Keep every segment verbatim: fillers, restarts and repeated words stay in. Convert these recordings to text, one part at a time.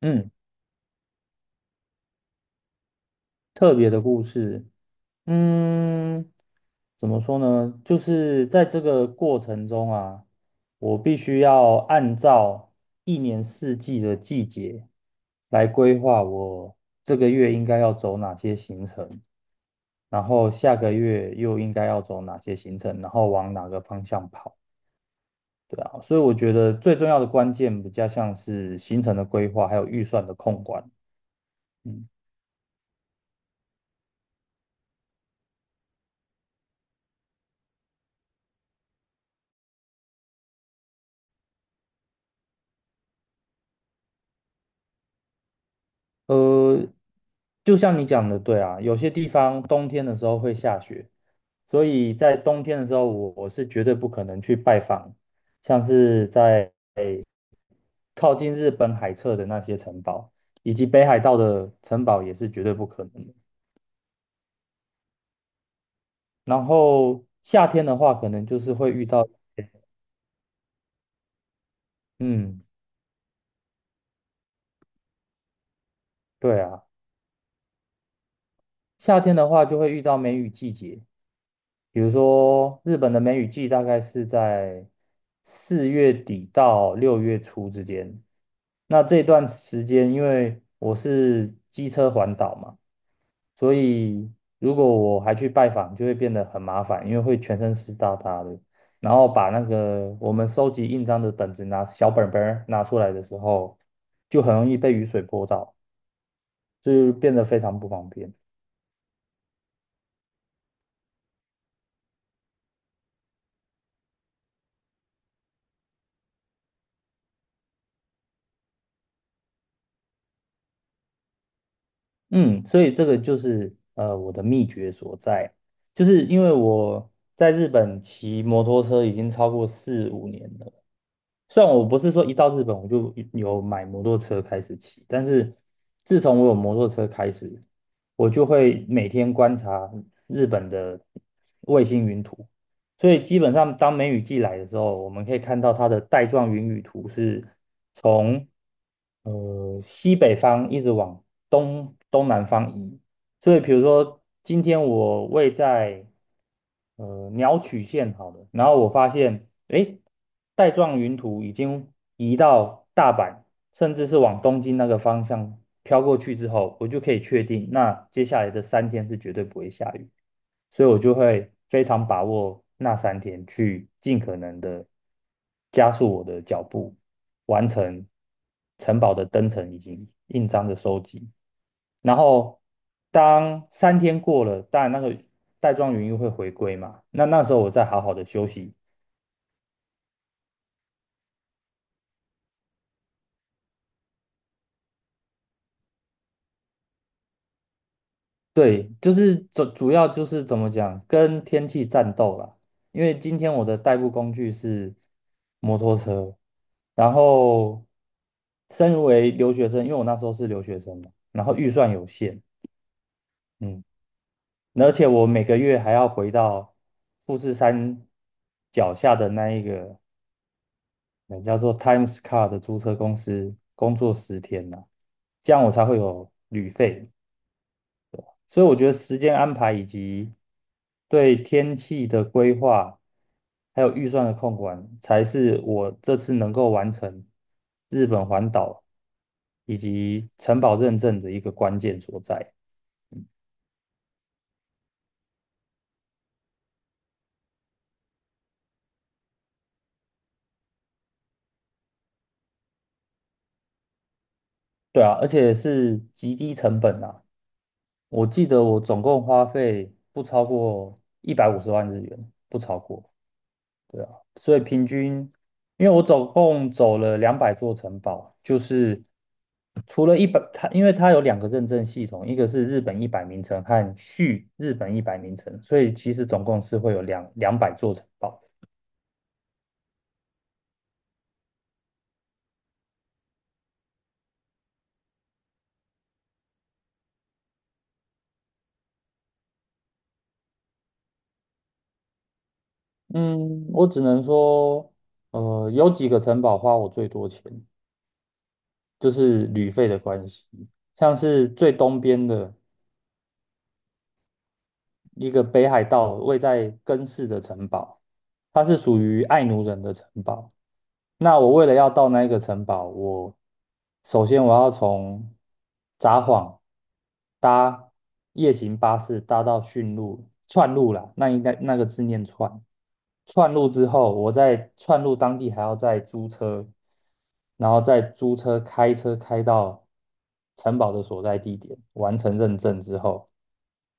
嗯，特别的故事，嗯，怎么说呢？就是在这个过程中啊，我必须要按照一年四季的季节来规划我这个月应该要走哪些行程，然后下个月又应该要走哪些行程，然后往哪个方向跑。对啊，所以我觉得最重要的关键比较像是行程的规划，还有预算的控管。嗯。呃，就像你讲的，对啊，有些地方冬天的时候会下雪，所以在冬天的时候，我我是绝对不可能去拜访，像是在靠近日本海侧的那些城堡，以及北海道的城堡也是绝对不可能的。然后夏天的话，可能就是会遇到，嗯，对啊，夏天的话就会遇到梅雨季节。比如说，日本的梅雨季大概是在四月底到六月初之间。那这段时间，因为我是机车环岛嘛，所以如果我还去拜访，就会变得很麻烦，因为会全身湿哒哒的。然后把那个我们收集印章的本子拿小本本儿拿出来的时候，就很容易被雨水泼到，就变得非常不方便。嗯，所以这个就是呃我的秘诀所在，就是因为我在日本骑摩托车已经超过四五年了。虽然我不是说一到日本我就有买摩托车开始骑，但是自从我有摩托车开始，我就会每天观察日本的卫星云图。所以基本上当梅雨季来的时候，我们可以看到它的带状云雨图是从呃西北方一直往东东南方移。所以比如说今天我位在呃鸟取县好了，然后我发现，诶，带状云图已经移到大阪，甚至是往东京那个方向飘过去之后，我就可以确定，那接下来的三天是绝对不会下雨。所以我就会非常把握那三天，去尽可能的加速我的脚步，完成城堡的登城以及印章的收集。然后当三天过了，当然那个带状元又会回归嘛。那那时候我再好好的休息。对，就是主主要就是怎么讲，跟天气战斗啦。因为今天我的代步工具是摩托车，然后身为留学生，因为我那时候是留学生嘛，然后预算有限，嗯，而且我每个月还要回到富士山脚下的那一个人叫做 Times Car 的租车公司工作十天呐、这样我才会有旅费。所以我觉得时间安排以及对天气的规划，还有预算的控管，才是我这次能够完成日本环岛以及城堡认证的一个关键所在。对啊，而且是极低成本啊。我记得我总共花费不超过一百五十万日元，不超过。对啊，所以平均，因为我总共走了两百座城堡，就是除了一百，它因为它有两个认证系统，一个是日本一百名城和续日本一百名城，所以其实总共是会有两两百座城堡。嗯，我只能说，呃，有几个城堡花我最多钱，就是旅费的关系，像是最东边的一个北海道位在根室的城堡，它是属于爱奴人的城堡。那我为了要到那一个城堡，我首先我要从札幌搭夜行巴士搭到驯鹿串路啦，那应该那个字念串。串路之后，我在串路当地还要再租车，然后再租车开车开到城堡的所在地点，完成认证之后，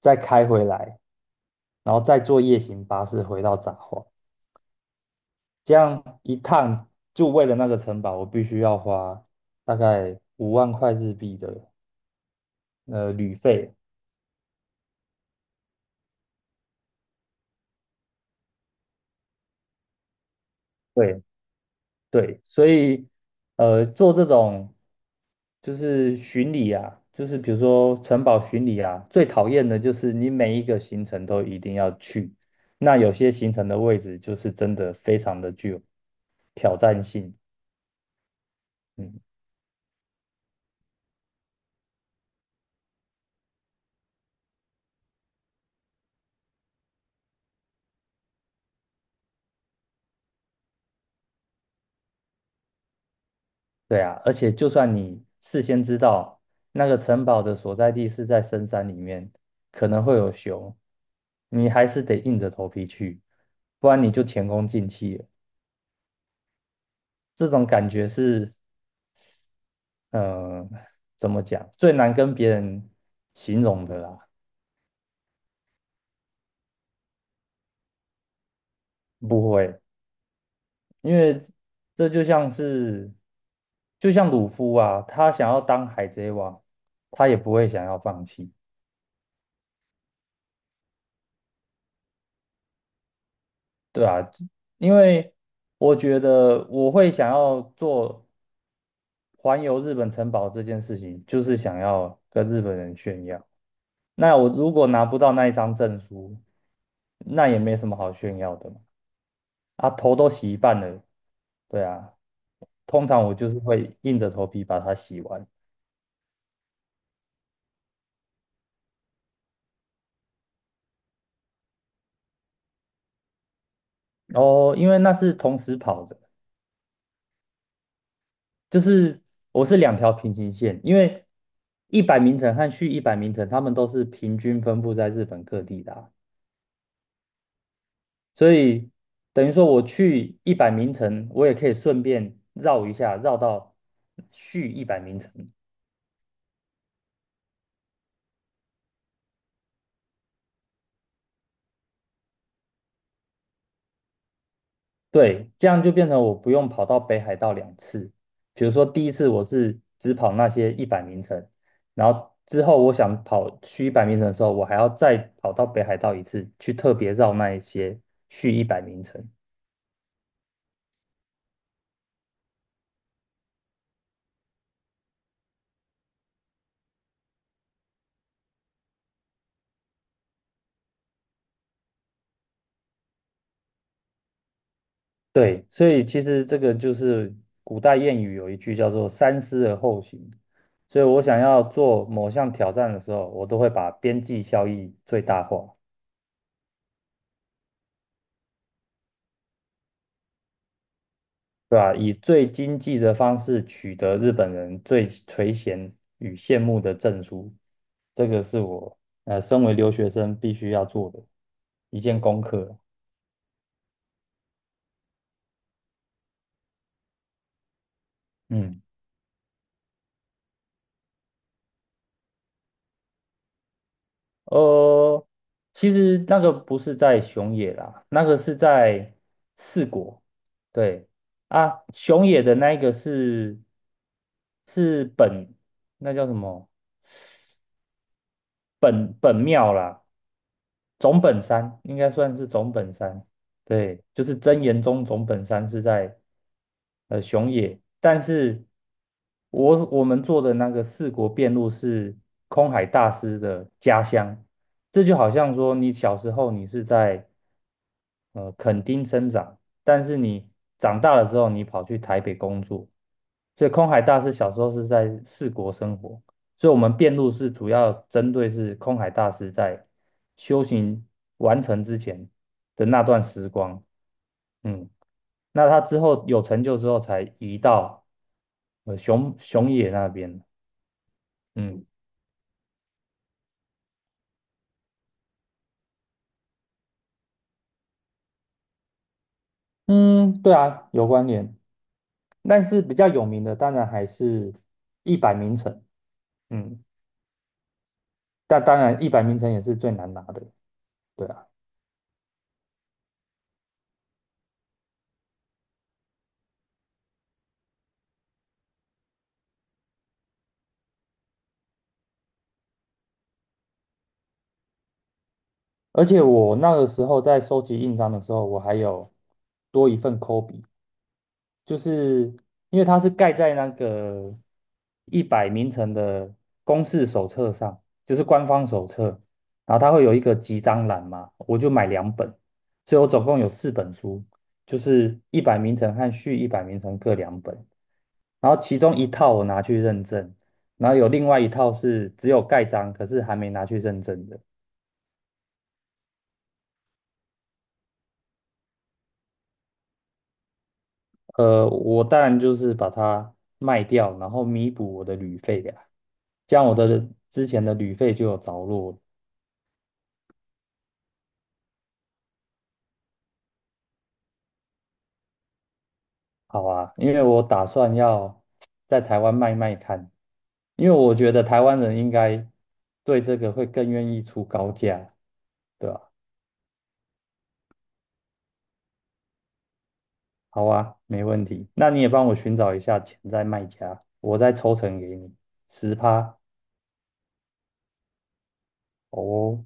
再开回来，然后再坐夜行巴士回到札幌。这样一趟就为了那个城堡，我必须要花大概五万块日币的呃旅费。对对，所以呃做这种就是巡礼啊，就是比如说城堡巡礼啊，最讨厌的就是你每一个行程都一定要去，那有些行程的位置就是真的非常的具有挑战性。嗯。对啊，而且就算你事先知道那个城堡的所在地是在深山里面，可能会有熊，你还是得硬着头皮去，不然你就前功尽弃了。这种感觉是，嗯、怎么讲，最难跟别人形容的啦。不会，因为这就像是，就像鲁夫啊，他想要当海贼王，他也不会想要放弃。对啊，因为我觉得我会想要做环游日本城堡这件事情，就是想要跟日本人炫耀。那我如果拿不到那一张证书，那也没什么好炫耀的嘛。啊，头都洗一半了，对啊。通常我就是会硬着头皮把它洗完。哦，因为那是同时跑的。就是我是两条平行线，因为一百名城和续一百名城，他们都是平均分布在日本各地的啊，所以等于说我去一百名城，我也可以顺便绕一下，绕到续一百名城。对，这样就变成我不用跑到北海道两次。比如说第一次我是只跑那些一百名城，然后之后我想跑续一百名城的时候，我还要再跑到北海道一次，去特别绕那一些续一百名城。对，所以其实这个就是古代谚语有一句叫做“三思而后行”。所以我想要做某项挑战的时候，我都会把边际效益最大化，对吧？以最经济的方式取得日本人最垂涎与羡慕的证书，这个是我呃身为留学生必须要做的一件功课。嗯。呃，其实那个不是在熊野啦，那个是在四国。对啊，熊野的那一个是是本，那叫什么？本本庙啦。总本山应该算是总本山。对，就是真言宗总本山是在呃熊野，但是我我们做的那个四国遍路是空海大师的家乡。这就好像说你小时候你是在呃垦丁生长，但是你长大了之后你跑去台北工作。所以空海大师小时候是在四国生活，所以我们辩论是主要针对是空海大师在修行完成之前的那段时光。嗯，那他之后有成就之后，才移到呃熊熊野那边。嗯嗯，对啊，有关联，但是比较有名的当然还是一百名城。嗯，但当然一百名城也是最难拿的。对啊。而且我那个时候在收集印章的时候，我还有多一份抠笔，就是因为它是盖在那个一百名城的公示手册上，就是官方手册。然后它会有一个集章栏嘛，我就买两本，所以我总共有四本书，就是一百名城和续一百名城各两本。然后其中一套我拿去认证，然后有另外一套是只有盖章，可是还没拿去认证的。呃，我当然就是把它卖掉，然后弥补我的旅费呀、这样我的之前的旅费就有着落了。好啊，因为我打算要在台湾卖卖看，因为我觉得台湾人应该对这个会更愿意出高价，对吧？好啊，没问题。那你也帮我寻找一下潜在卖家，我再抽成给你十趴哦。